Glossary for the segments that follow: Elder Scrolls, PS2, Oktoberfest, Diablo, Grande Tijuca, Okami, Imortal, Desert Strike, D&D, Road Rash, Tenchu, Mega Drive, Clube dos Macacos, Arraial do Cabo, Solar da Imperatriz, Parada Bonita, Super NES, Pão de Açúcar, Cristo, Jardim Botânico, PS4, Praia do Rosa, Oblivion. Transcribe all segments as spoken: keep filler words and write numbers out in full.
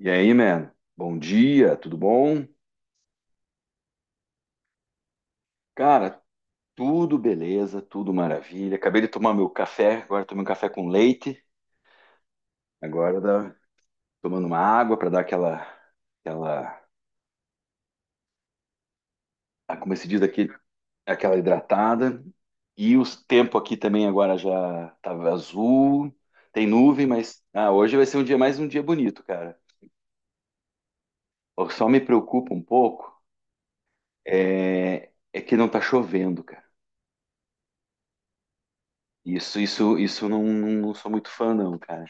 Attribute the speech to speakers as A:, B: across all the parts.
A: E aí, man? Bom dia, tudo bom? Cara, tudo beleza, tudo maravilha. Acabei de tomar meu café, agora tomei um café com leite. Agora dá- Tomando uma água para dar aquela, aquela, ah, como se diz aqui, aquela hidratada. E o tempo aqui também agora já tava azul, tem nuvem, mas ah, hoje vai ser um dia mais um dia bonito, cara. Eu só me preocupa um pouco é, é que não tá chovendo, cara. Isso, isso, isso eu não, não sou muito fã, não, cara.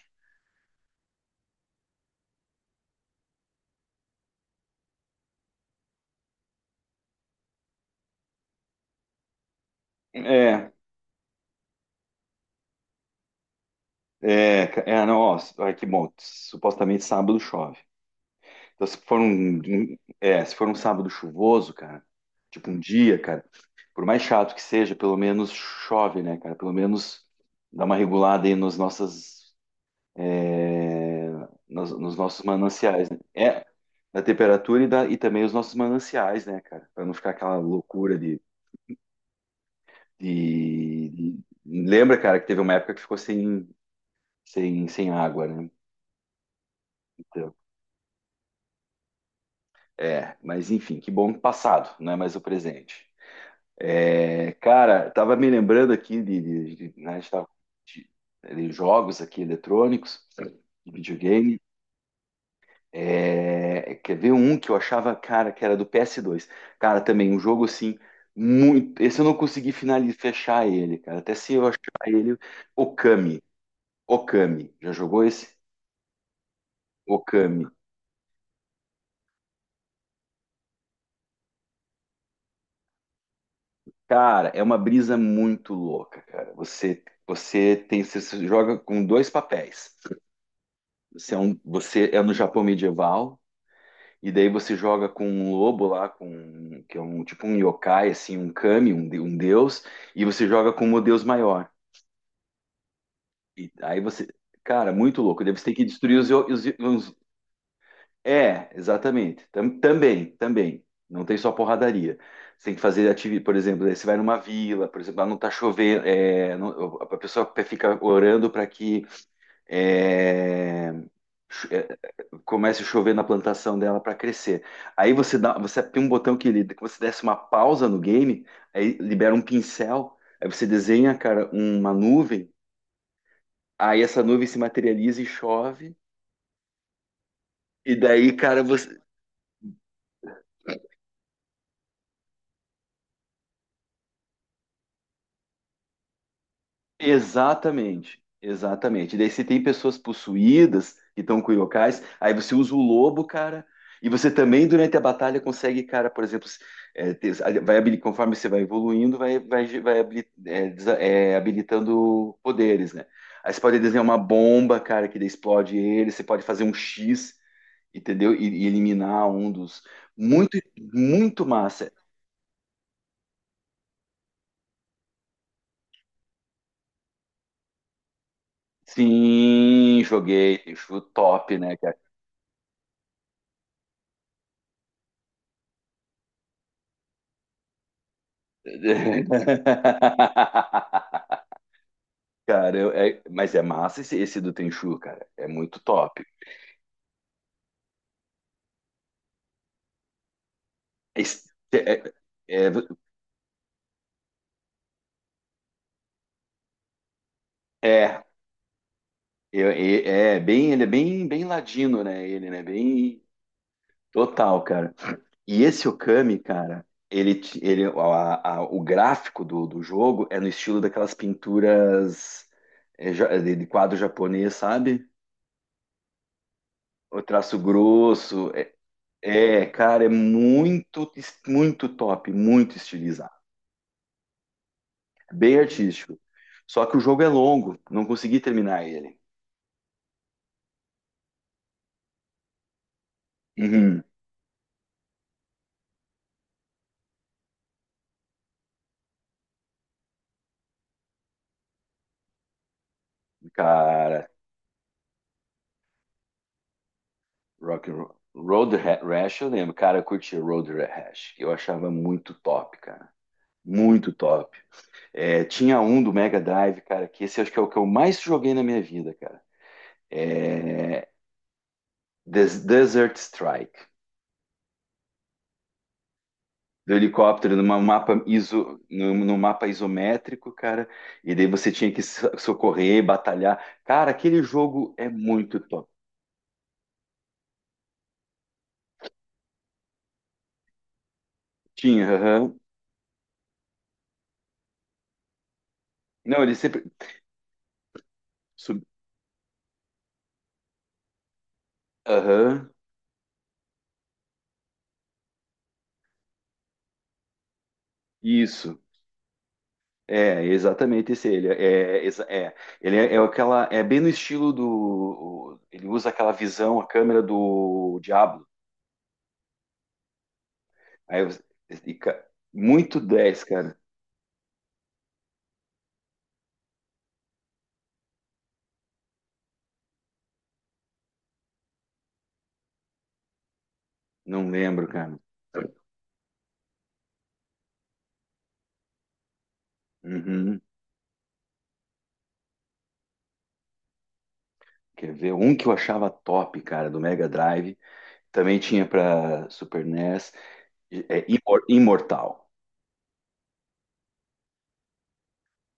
A: É, é, ca- é, não, ó, ai, que bom, supostamente sábado chove. Então, se for um, um- é, se for um sábado chuvoso, cara, tipo um dia, cara, por mais chato que seja, pelo menos chove, né, cara? Pelo menos dá uma regulada aí nos nossas, é, nos, nos nossos mananciais, né? É, da temperatura e, da, e também os nossos mananciais, né, cara? Pra não ficar aquela loucura de, de, de- lembra, cara, que teve uma época que ficou sem, sem, sem água, né? É, mas enfim, que bom que passado, não é mais o presente. É, cara, tava me lembrando aqui de, de- de- né, a gente tava de, de jogos aqui eletrônicos, de videogame. É, quer ver um que eu achava, cara, que era do P S dois. Cara, também um jogo assim, muito. Esse eu não consegui finalizar, fechar ele, cara. Até se eu achar ele, Okami. Okami. Já jogou esse? Okami. Cara, é uma brisa muito louca, cara. Você, você tem, você se joga com dois papéis. Você é, um, você é no Japão medieval e daí você joga com um lobo lá, com um, que é um tipo um yokai, assim, um kami, um, de- um deus, e você joga com um deus maior. E aí você, cara, muito louco. Daí você tem que destruir os, yo- os, é, exatamente. Tam- também, também. Não tem só porradaria. Você tem que fazer atividade, por exemplo, daí você vai numa vila, por exemplo, lá não tá chovendo, é, não- a pessoa pe- fica orando para que é, cho- é, comece a chover na plantação dela para crescer. Aí você dá, você aperta um botão que ele, que você desse uma pausa no game, aí libera um pincel, aí você desenha, cara, uma nuvem, aí essa nuvem se materializa e chove. E daí, cara, você, exatamente, exatamente. Daí você tem pessoas possuídas que estão com yokais, aí você usa o lobo, cara, e você também durante a batalha consegue, cara, por exemplo, s- é, ter- vai, habili- conforme você vai evoluindo, vai, vai, vai habili- é, desa- é, habilitando poderes, né? Aí você pode desenhar uma bomba, cara, que daí explode ele, você pode fazer um X, entendeu? E, e eliminar um dos. Muito, muito massa. Sim, joguei, acho top, né. Cara, eu- é- mas é massa esse, esse do Tenchu, cara. É muito top. Esse- É, é, é, é, eu- é- É bem, ele é bem, bem ladino, né? Ele, né? Bem total, cara. E esse Okami, cara, ele, te- ele, a- a- o gráfico do, do jogo é no estilo daquelas pinturas é, ja- de de quadro japonês, sabe? O traço grosso. É, é, cara, é muito, muito top, muito estilizado. Bem artístico. Só que o jogo é longo, não consegui terminar ele. Uhum. Cara, Rock and Roll. Road Ra- Rash, eu lembro, cara, eu curtia Road Ra- Rash, eu achava muito top, cara, muito top. É, tinha um do Mega Drive, cara, que esse acho que é o que eu mais joguei na minha vida, cara. É, Des- Desert Strike, do helicóptero numa mapa iso, num, num mapa isométrico, cara, e daí você tinha que so- socorrer, batalhar. Cara, aquele jogo é muito. Tinha, aham. Não, ele sempre. sub- Aham. Isso. É, exatamente esse. Ele é, exa- é, ele é, é aquela. É bem no estilo do. Ele usa aquela visão, a câmera do Diablo. Aí você- e ca- Muito dez, cara. Não lembro, cara. Uhum. Quer ver? Um que eu achava top, cara, do Mega Drive. Também tinha pra Super NES. É, Imor- Imortal.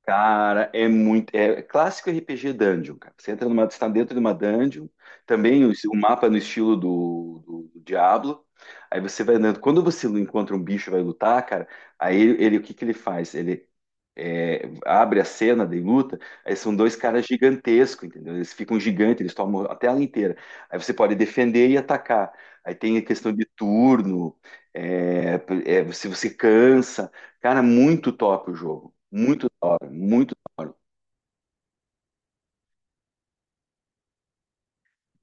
A: Cara, é muito. É clássico R P G Dungeon, cara. Você entra numa, está dentro de uma dungeon, também o, o mapa é no estilo do, do, do Diablo. Aí você vai andando. Quando você encontra um bicho e vai lutar, cara, aí ele, ele- o que que ele faz? Ele, é, abre a cena de luta, aí são dois caras gigantescos, entendeu? Eles ficam gigantes, eles tomam a tela inteira. Aí você pode defender e atacar. Aí tem a questão de turno, é, é, se você cansa. Cara, muito top o jogo. Muito top, muito.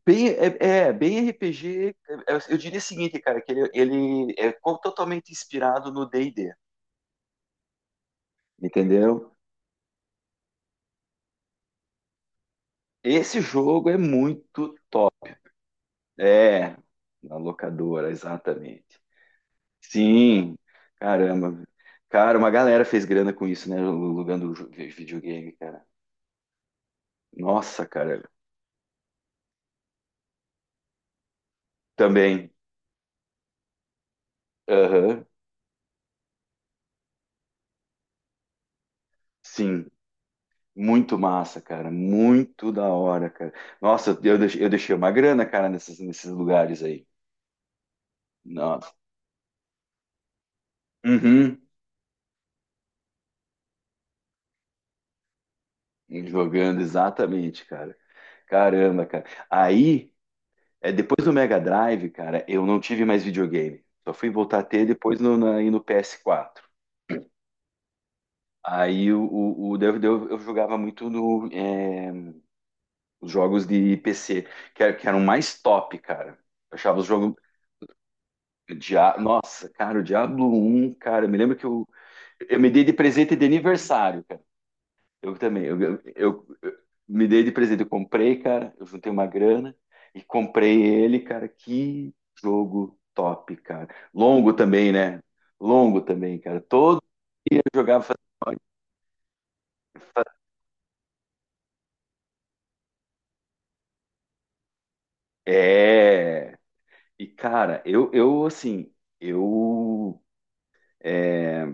A: Bem, é, é, bem R P G. é, Eu diria o seguinte, cara, que ele, ele é co- totalmente inspirado no D e D, entendeu? Esse jogo é muito. É, na locadora, exatamente. Sim, caramba. Cara, uma galera fez grana com isso, né? Alugando jo- videogame, cara. Nossa, cara. Também. Aham. Sim. Muito massa, cara. Muito da hora, cara. Nossa, eu deixei, eu deixei uma grana, cara, nesses, nesses lugares aí. Nossa. Uhum. Jogando, exatamente, cara. Caramba, cara. Aí, é, depois do Mega Drive, cara, eu não tive mais videogame. Só fui voltar a ter depois no, na, aí no P S quatro. Aí o, o, o- eu, eu- Eu jogava muito no, é, os jogos de P C, que, era- que eram mais top, cara. Eu achava os jogos. Dia... Nossa, cara, o Diablo um, cara, eu me lembro que eu, eu me dei de presente de aniversário, cara. Eu também, eu, eu, eu- eu me dei de presente, eu comprei, cara, eu juntei uma grana e comprei ele, cara. Que jogo top, cara. Longo também, né? Longo também, cara. Todo dia eu jogava. fazia- É. E, cara, eu, eu assim, eu. é,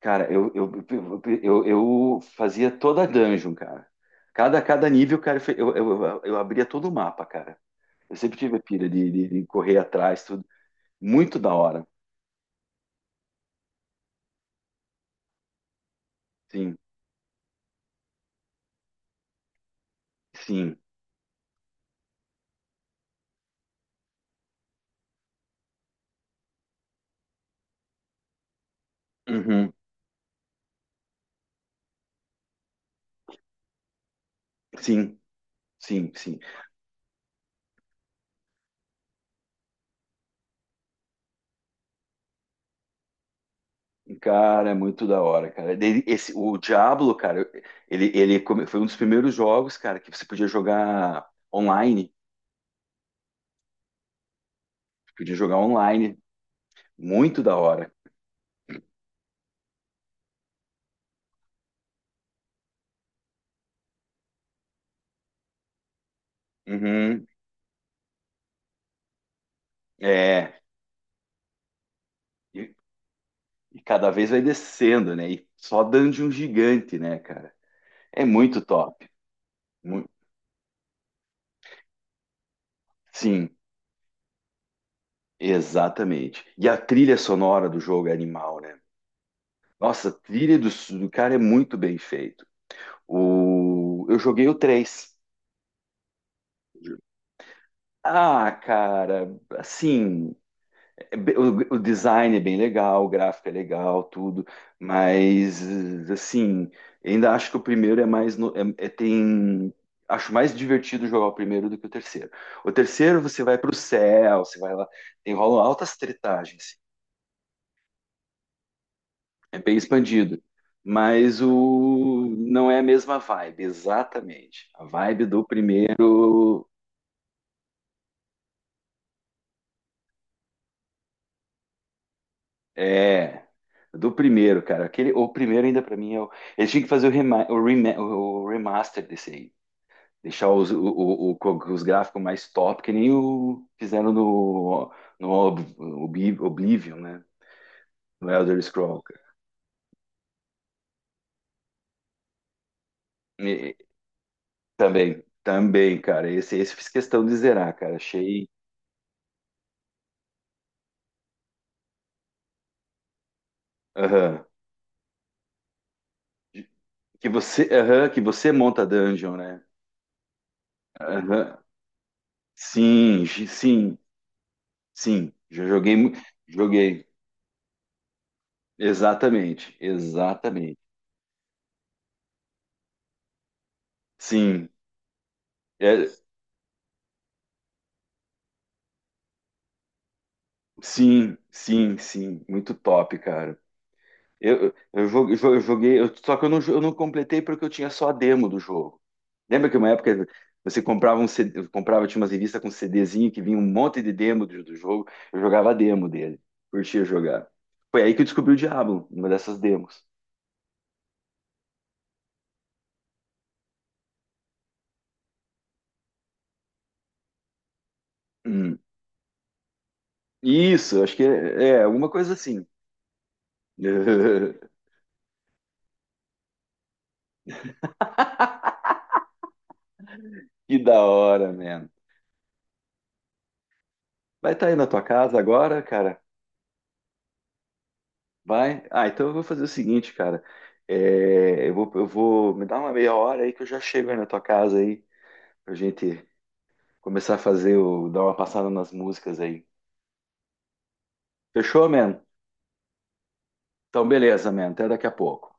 A: cara, eu, eu, eu, eu, eu fazia toda a dungeon, cara. Cada, cada nível, cara, eu, eu, eu, eu abria todo o mapa, cara. Eu sempre tive a pira de, de, de correr atrás, tudo. Muito da hora. Sim, sim. Uhum. Sim, sim, sim. Cara, é muito da hora, cara. Daí Esse, o Diablo, cara, ele, ele come- foi um dos primeiros jogos, cara, que você podia jogar online. Podia jogar online. Muito da hora. Uhum, é, e, e cada vez vai descendo, né? E só dungeon gigante, né, cara? É muito top. Mu- Sim, exatamente. E a trilha sonora do jogo é animal, né? Nossa, a trilha do, do cara é muito bem feito. O, eu joguei o três. Ah, cara, assim. É be- O, o design é bem legal, o gráfico é legal, tudo, mas assim, ainda acho que o primeiro é mais no- é, é- tem acho mais divertido jogar o primeiro do que o terceiro. O terceiro você vai para o céu, você vai lá, tem rolam altas tretagens, assim, é bem expandido, mas o não é a mesma vibe, exatamente. A vibe do primeiro. É, do primeiro, cara. Aquele, o primeiro ainda pra mim é o. Eles tinham que fazer o, rema, o, rema- o remaster desse aí. Deixar os, o, o- o- com os gráficos mais top, que nem o fizeram no, no Ob- Ob- Oblivion, né? No Elder Scrolls, cara. E- Também, também, cara. Esse, esse eu fiz questão de zerar, cara. Achei. Aham. Que você, aham, que você monta dungeon, né? Aham. Sim, gi- sim, sim. Já joguei, mu- joguei. Exatamente, exatamente. Sim, é, sim, sim, sim, muito top, cara. Eu, eu, jo- jo- eu joguei, eu- só que eu não, jo- eu não completei porque eu tinha só a demo do jogo. Lembra que uma época você comprava um C D, comprava, tinha umas revistas com CDzinho que vinha um monte de demo do, do jogo, eu jogava a demo dele, curtia jogar. Foi aí que eu descobri o Diablo, uma dessas demos. Hum. Isso, acho que é, é alguma coisa assim. Que da hora, mano. Vai estar aí na tua casa agora, cara? Vai? Ah, então eu vou fazer o seguinte, cara. É, eu vou, eu vou me dar uma meia hora aí que eu já chego aí na tua casa aí, pra gente começar a fazer o, dar uma passada nas músicas aí. Fechou, man? Então beleza, man. Até daqui a pouco.